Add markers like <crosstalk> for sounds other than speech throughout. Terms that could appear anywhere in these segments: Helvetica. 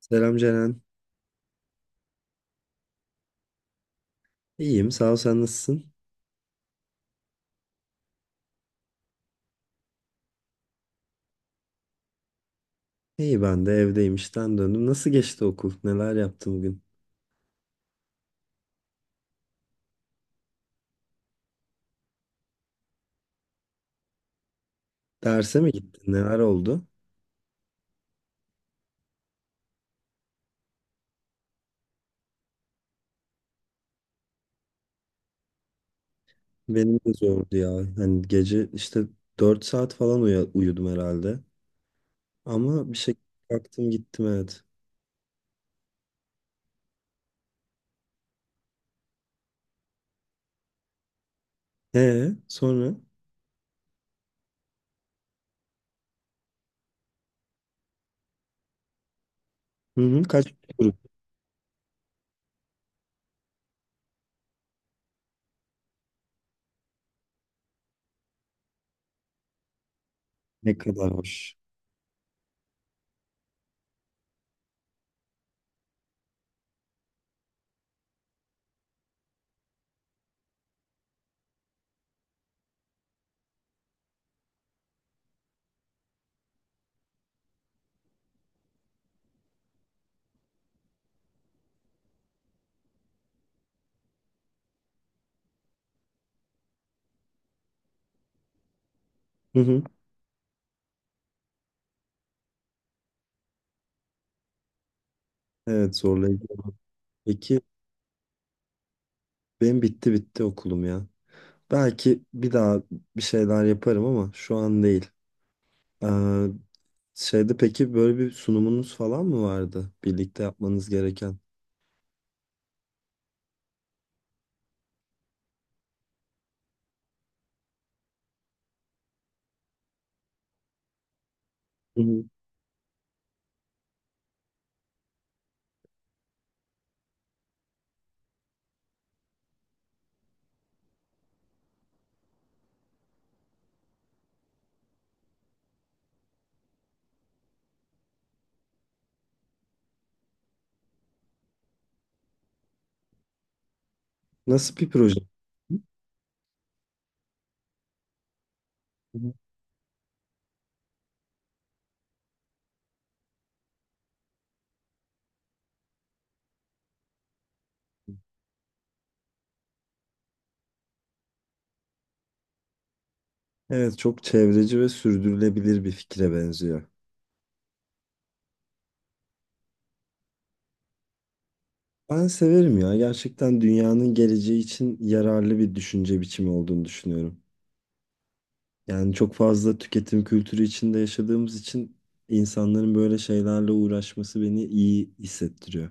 Selam Ceren. İyiyim, sağ ol. Sen nasılsın? İyi ben de evdeyim, işten döndüm. Nasıl geçti okul? Neler yaptın bugün? Derse mi gittin? Neler oldu? Benim de zordu ya. Hani gece işte 4 saat falan uyudum herhalde. Ama bir şekilde kalktım gittim evet. Sonra? Hı hı, kaç grup? Ne kadar hoş. Hı hı. Evet zorlayıcı. Peki benim bitti bitti okulum ya. Belki bir daha bir şeyler yaparım ama şu an değil. Ee, Şeyde peki böyle bir sunumunuz falan mı vardı? Birlikte yapmanız gereken. Hı hı. Nasıl bir proje? Hı hı. Evet, çok çevreci ve sürdürülebilir bir fikre benziyor. Ben severim ya. Gerçekten dünyanın geleceği için yararlı bir düşünce biçimi olduğunu düşünüyorum. Yani çok fazla tüketim kültürü içinde yaşadığımız için insanların böyle şeylerle uğraşması beni iyi hissettiriyor.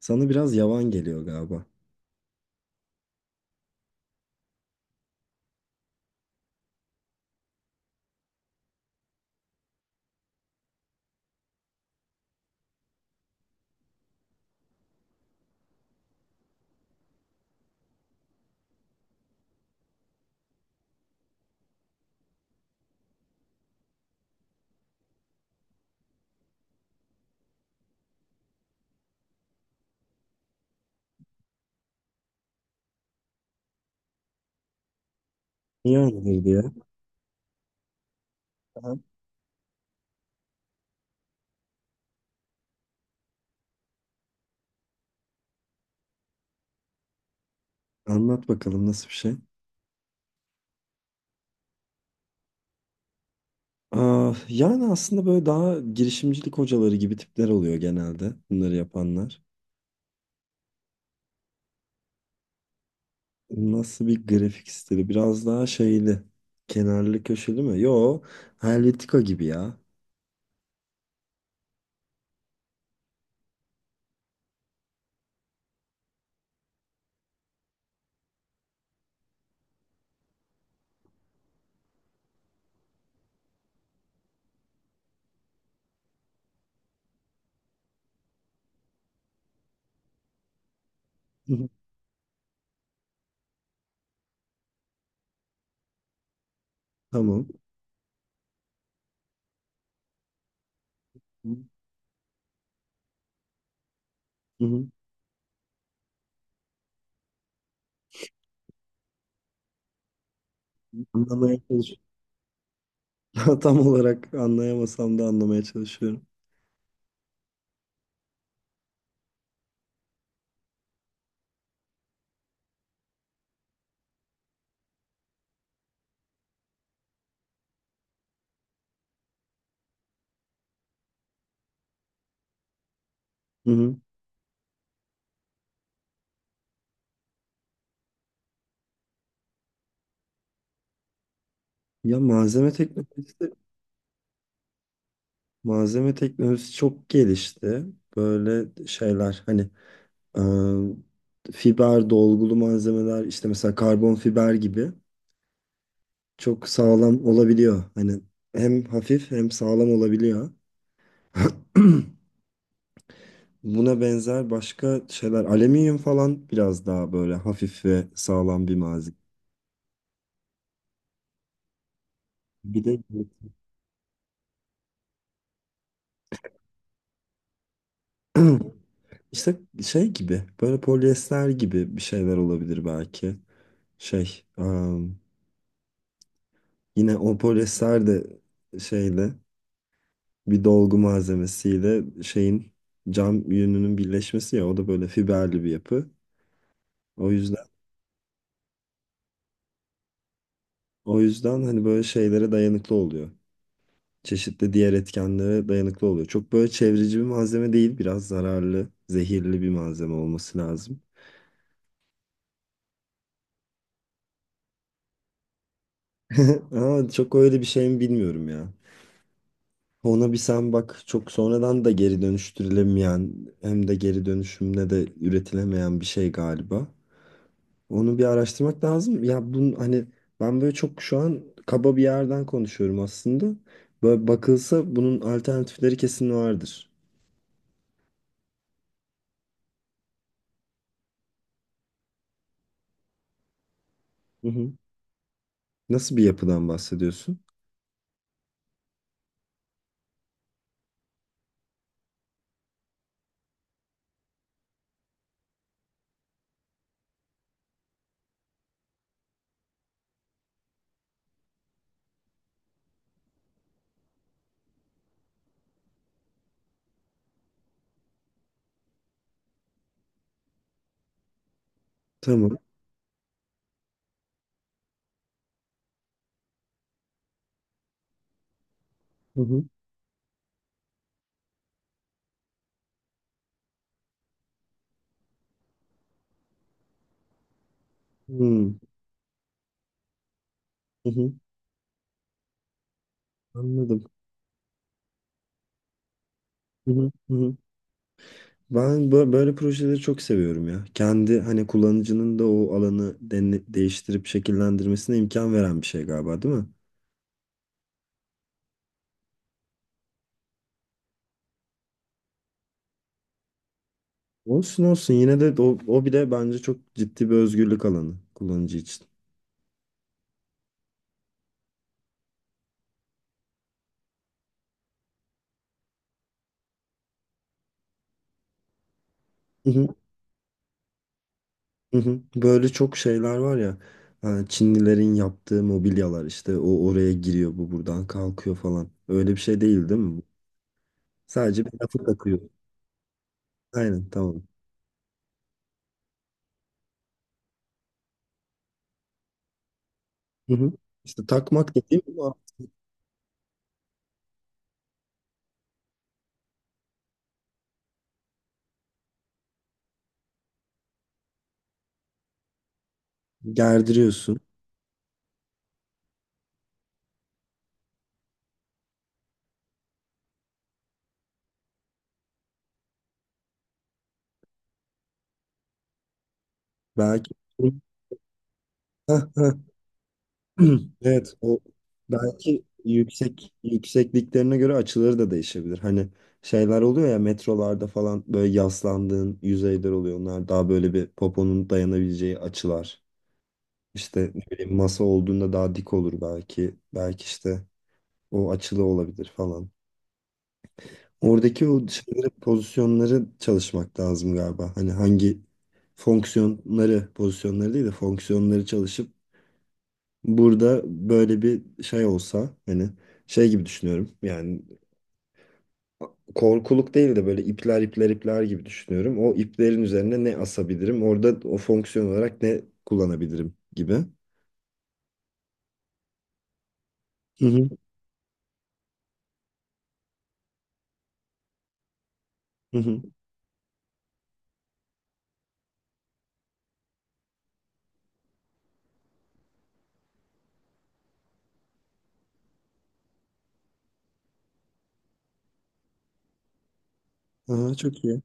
Sana biraz yavan geliyor galiba. Niye öyledir diye. Aha. Anlat bakalım, nasıl bir şey? Aa, yani aslında böyle daha girişimcilik hocaları gibi tipler oluyor genelde bunları yapanlar. Nasıl bir grafik stili? Biraz daha şeyli. Kenarlı köşeli mi? Yo, Helvetica gibi ya. Hı hı, tamam. Hı hı. Anlamaya çalışıyorum. <laughs> Tam olarak anlayamasam da anlamaya çalışıyorum. Hı hı. Ya malzeme teknolojisi, malzeme teknolojisi çok gelişti. Böyle şeyler hani fiber dolgulu malzemeler işte mesela karbon fiber gibi. Çok sağlam olabiliyor. Hani hem hafif hem sağlam olabiliyor. <clears throat> Buna benzer başka şeyler. Alüminyum falan biraz daha böyle hafif ve sağlam bir malzeme. Bir de <clears throat> işte şey gibi böyle polyester gibi bir şeyler olabilir belki. Şey yine o polyester de şeyle bir dolgu malzemesiyle şeyin cam yününün birleşmesi ya o da böyle fiberli bir yapı. O yüzden o yüzden hani böyle şeylere dayanıklı oluyor. Çeşitli diğer etkenlere dayanıklı oluyor. Çok böyle çevreci bir malzeme değil. Biraz zararlı, zehirli bir malzeme olması lazım. <laughs> Aa, çok öyle bir şey mi bilmiyorum ya. Ona bir sen bak, çok sonradan da geri dönüştürülemeyen hem de geri dönüşümle de üretilemeyen bir şey galiba. Onu bir araştırmak lazım. Ya bunun hani ben böyle çok şu an kaba bir yerden konuşuyorum aslında. Böyle bakılsa bunun alternatifleri kesin vardır. Hı hı. Nasıl bir yapıdan bahsediyorsun? Tamam. Hı hı. Hmm. Hı hı. Anladım. Hı hı. Hı hı. Ben böyle projeleri çok seviyorum ya. Kendi hani kullanıcının da o alanı değiştirip şekillendirmesine imkan veren bir şey galiba, değil mi? Olsun olsun, yine de o, o bir de bence çok ciddi bir özgürlük alanı kullanıcı için. Hı hı. Hı hı. Böyle çok şeyler var ya. Ha, Çinlilerin yaptığı mobilyalar işte o oraya giriyor bu buradan kalkıyor falan. Öyle bir şey değil değil mi? Sadece bir lafı takıyor. Aynen tamam. Hı hı. İşte takmak dediğim o, gerdiriyorsun. Belki heh, heh. <clears throat> Evet o belki yüksek yüksekliklerine göre açıları da değişebilir. Hani şeyler oluyor ya metrolarda falan böyle yaslandığın yüzeyler oluyor. Onlar daha böyle bir poponun dayanabileceği açılar. İşte ne bileyim masa olduğunda daha dik olur belki. Belki işte o açılı olabilir falan. Oradaki o şeyleri, pozisyonları çalışmak lazım galiba. Hani hangi fonksiyonları, pozisyonları değil de fonksiyonları çalışıp burada böyle bir şey olsa hani şey gibi düşünüyorum. Yani korkuluk değil de böyle ipler ipler ipler gibi düşünüyorum. O iplerin üzerine ne asabilirim? Orada o fonksiyon olarak ne kullanabilirim gibi. Hı hı hı. Hı. Aha, çok iyi.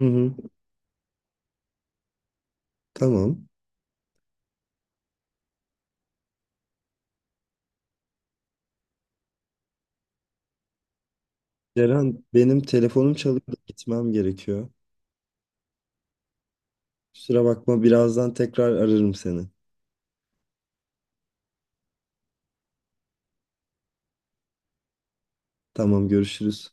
Hı hı. Tamam. Ceren benim telefonum çalıyor da gitmem gerekiyor. Kusura bakma, birazdan tekrar ararım seni. Tamam, görüşürüz.